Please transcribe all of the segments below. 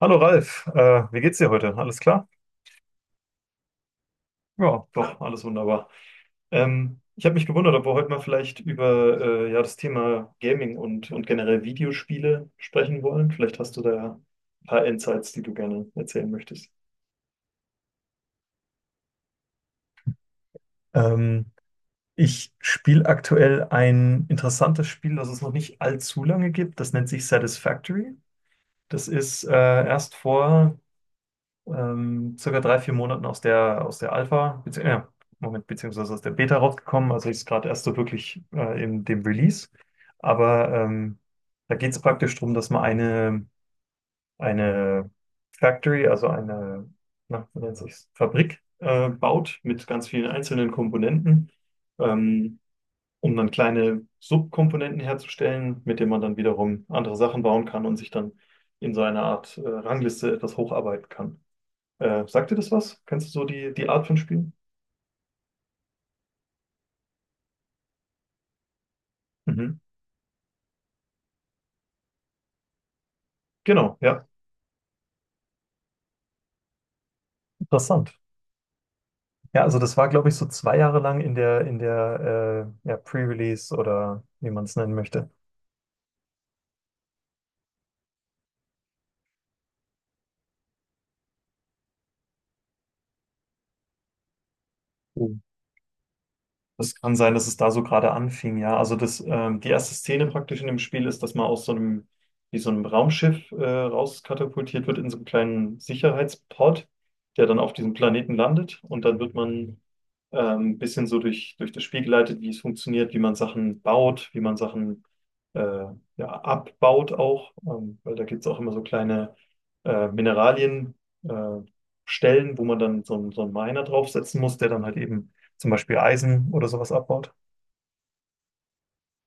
Hallo Ralf, wie geht's dir heute? Alles klar? Ja, doch, alles wunderbar. Ich habe mich gewundert, ob wir heute mal vielleicht über ja, das Thema Gaming und generell Videospiele sprechen wollen. Vielleicht hast du da ein paar Insights, die du gerne erzählen möchtest. Ähm, Ich spiele aktuell ein interessantes Spiel, das es noch nicht allzu lange gibt. Das nennt sich Satisfactory. Das ist erst vor circa drei, vier Monaten aus der Alpha, bezieh Moment, beziehungsweise aus der Beta rausgekommen. Also ist gerade erst so wirklich in dem Release. Aber da geht es praktisch darum, dass man eine Factory, also eine, na, wie nennt sich's, Fabrik baut mit ganz vielen einzelnen Komponenten, ähm, um dann kleine Subkomponenten herzustellen, mit denen man dann wiederum andere Sachen bauen kann und sich dann in so einer Art Rangliste etwas hocharbeiten kann. Sagt dir das was? Kennst du so die Art von Spielen? Mhm. Genau, ja. Interessant. Ja, also das war, glaube ich, so zwei Jahre lang in der, in der ja, Pre-Release oder wie man es nennen möchte. Das kann sein, dass es da so gerade anfing, ja. Also das, die erste Szene praktisch in dem Spiel ist, dass man aus so einem, wie so einem Raumschiff rauskatapultiert wird in so einem kleinen Sicherheitspod, der dann auf diesem Planeten landet. Und dann wird man ein bisschen so durch, durch das Spiel geleitet, wie es funktioniert, wie man Sachen baut, wie man Sachen äh, ja, abbaut auch. Weil da gibt es auch immer so kleine Mineralien, äh, Stellen, wo man dann so, so einen Miner draufsetzen muss, der dann halt eben zum Beispiel Eisen oder sowas abbaut.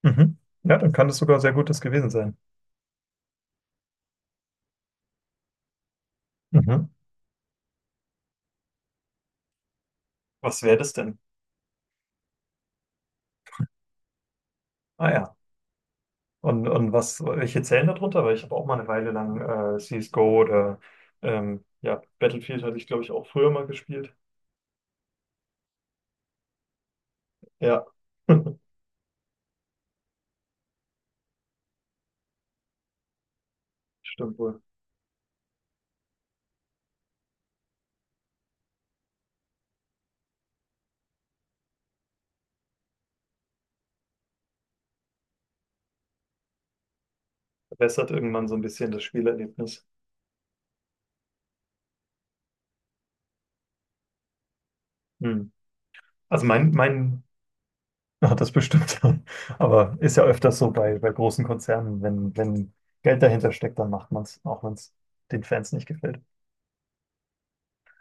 Mhm. Ja, dann kann das sogar sehr Gutes gewesen sein. Mhm. Was wäre das denn? Ah ja. Und was, welche zählen da drunter? Weil ich habe auch mal eine Weile lang CSGO oder ja, Battlefield hatte ich, glaube ich, auch früher mal gespielt. Ja, stimmt wohl. Verbessert irgendwann so ein bisschen das Spielerlebnis. Hm. Also mein hat das bestimmt. Aber ist ja öfters so bei, bei großen Konzernen, wenn Geld dahinter steckt, dann macht man es, auch wenn es den Fans nicht gefällt.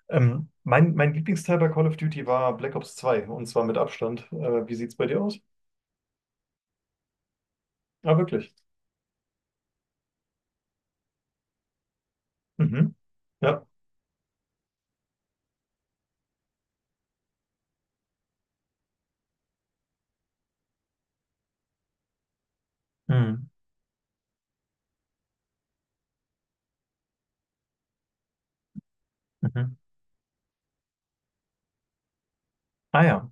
Mein Lieblingsteil bei Call of Duty war Black Ops zwei und zwar mit Abstand. Wie sieht's bei dir aus? Ah, wirklich. Mhm. Ja. Mhm. Mhm. Ah ja.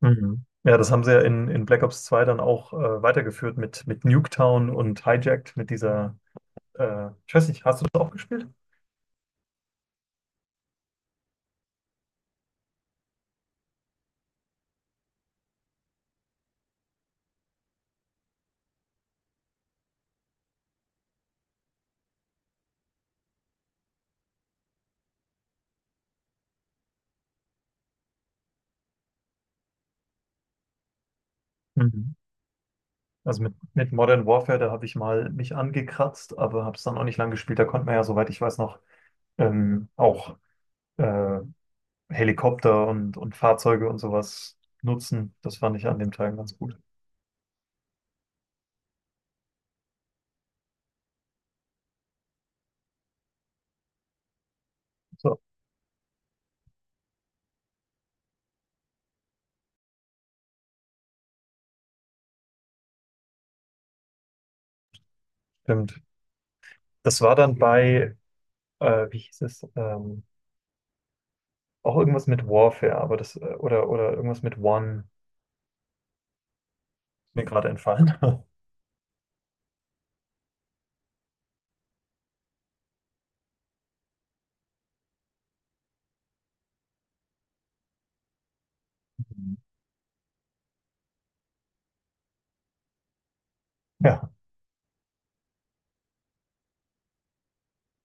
Mhm. Ja, das haben sie ja in Black Ops zwei dann auch weitergeführt mit Nuketown und Hijacked, mit dieser, ich weiß nicht, hast du das auch gespielt? Mhm. Also mit Modern Warfare, da habe ich mal mich angekratzt, aber habe es dann auch nicht lang gespielt. Da konnte man ja, soweit ich weiß, noch auch äh, Helikopter und Fahrzeuge und sowas nutzen. Das fand ich an dem Teil ganz gut. So, stimmt. Das war dann bei, wie hieß es, auch irgendwas mit Warfare, aber das, oder irgendwas mit One, ist mir gerade entfallen. Ja,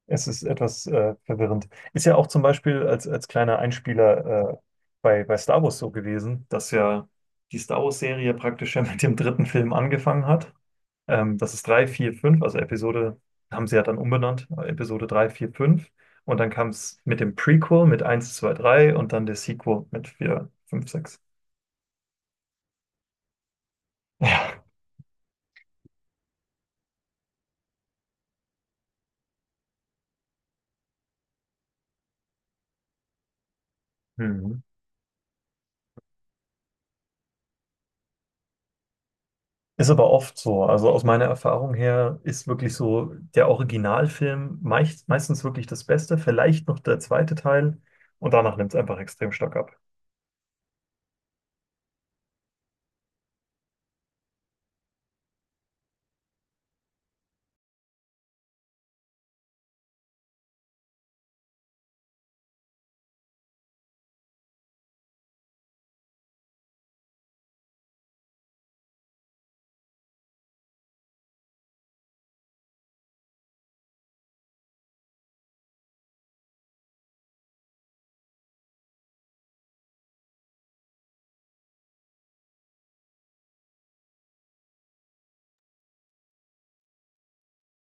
es ist etwas verwirrend. Ist ja auch zum Beispiel als, als kleiner Einspieler bei, bei Star Wars so gewesen, dass ja die Star Wars-Serie praktisch ja mit dem dritten Film angefangen hat. Das ist 3, 4, 5. Also Episode, haben sie ja dann umbenannt, Episode 3, 4, 5. Und dann kam es mit dem Prequel mit eins, 2, 3 und dann der Sequel mit vier, fünf, sechs. Ja. Mhm. Ist aber oft so. Also aus meiner Erfahrung her ist wirklich so der Originalfilm meist, meistens wirklich das Beste, vielleicht noch der zweite Teil und danach nimmt es einfach extrem stark ab.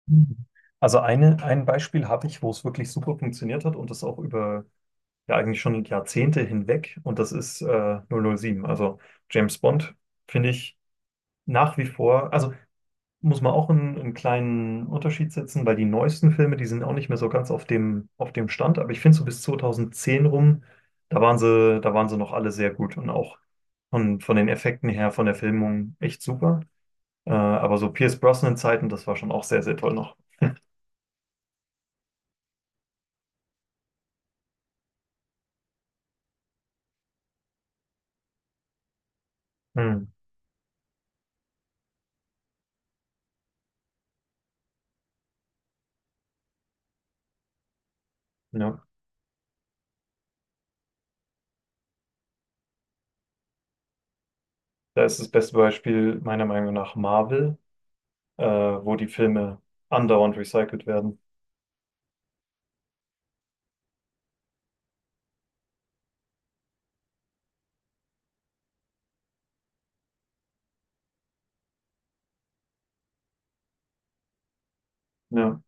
Mhm. Also eine, ein Beispiel habe ich, wo es wirklich super funktioniert hat und das auch über ja eigentlich schon Jahrzehnte hinweg, und das ist 007. Also James Bond finde ich nach wie vor, also muss man auch einen, einen kleinen Unterschied setzen, weil die neuesten Filme, die sind auch nicht mehr so ganz auf dem Stand, aber ich finde so bis 2010 rum, da waren sie noch alle sehr gut und auch von den Effekten her, von der Filmung echt super. Aber so Pierce Brosnan-Zeiten, das war schon auch sehr, sehr toll noch. Hm, ja. Da ist das beste Beispiel meiner Meinung nach Marvel, wo die Filme andauernd recycelt werden. Ja.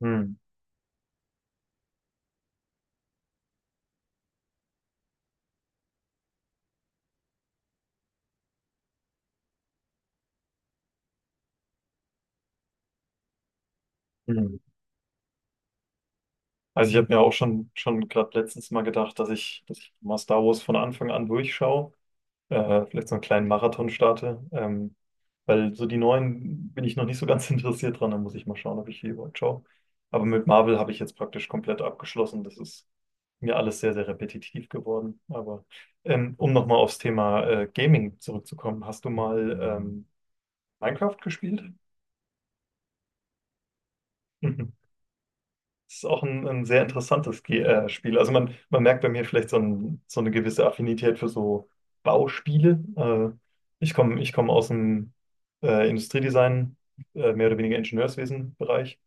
Hm. Hm. Also ich habe mir auch schon, schon gerade letztens mal gedacht, dass ich mal Star Wars von Anfang an durchschaue, vielleicht so einen kleinen Marathon starte, weil so die neuen bin ich noch nicht so ganz interessiert dran, da muss ich mal schauen, ob ich die überhaupt schaue. Aber mit Marvel habe ich jetzt praktisch komplett abgeschlossen, das ist mir alles sehr, sehr repetitiv geworden. Aber um nochmal aufs Thema Gaming zurückzukommen, hast du mal Minecraft gespielt? Das ist auch ein sehr interessantes Ge Spiel. Also man merkt bei mir vielleicht so, ein, so eine gewisse Affinität für so Bauspiele. Ich komm aus dem Industriedesign, mehr oder weniger Ingenieurswesen-Bereich.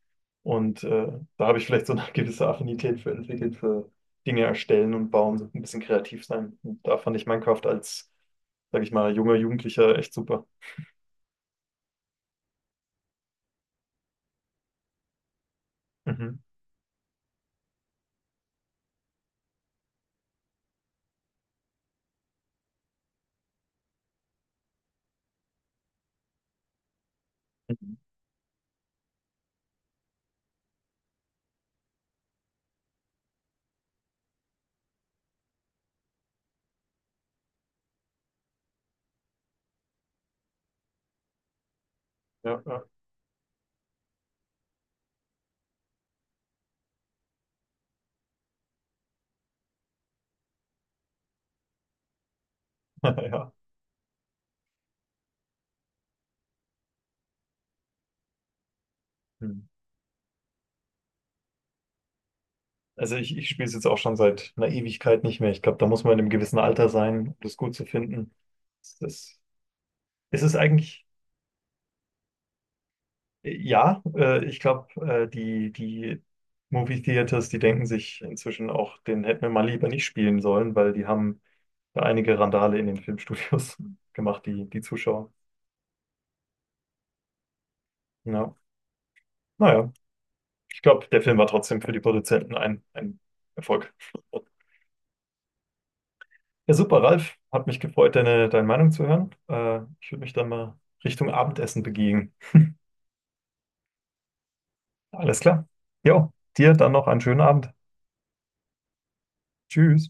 Und da habe ich vielleicht so eine gewisse Affinität für entwickelt, für Dinge erstellen und bauen, so ein bisschen kreativ sein. Und da fand ich Minecraft als, sage ich mal, junger Jugendlicher echt super. Mhm. Mhm. Ja, ja. Ja. Also ich spiele es jetzt auch schon seit einer Ewigkeit nicht mehr. Ich glaube, da muss man in einem gewissen Alter sein, um das gut zu finden. Es ist, es ist eigentlich, ja, ich glaube, die, die Movie Theaters, die denken sich inzwischen auch, den hätten wir mal lieber nicht spielen sollen, weil die haben da einige Randale in den Filmstudios gemacht, die, die Zuschauer. Ja. Naja, ich glaube, der Film war trotzdem für die Produzenten ein Erfolg. Ja, super, Ralf. Hat mich gefreut, deine, deine Meinung zu hören. Ich würde mich dann mal Richtung Abendessen begeben. Alles klar. Jo, dir dann noch einen schönen Abend. Tschüss.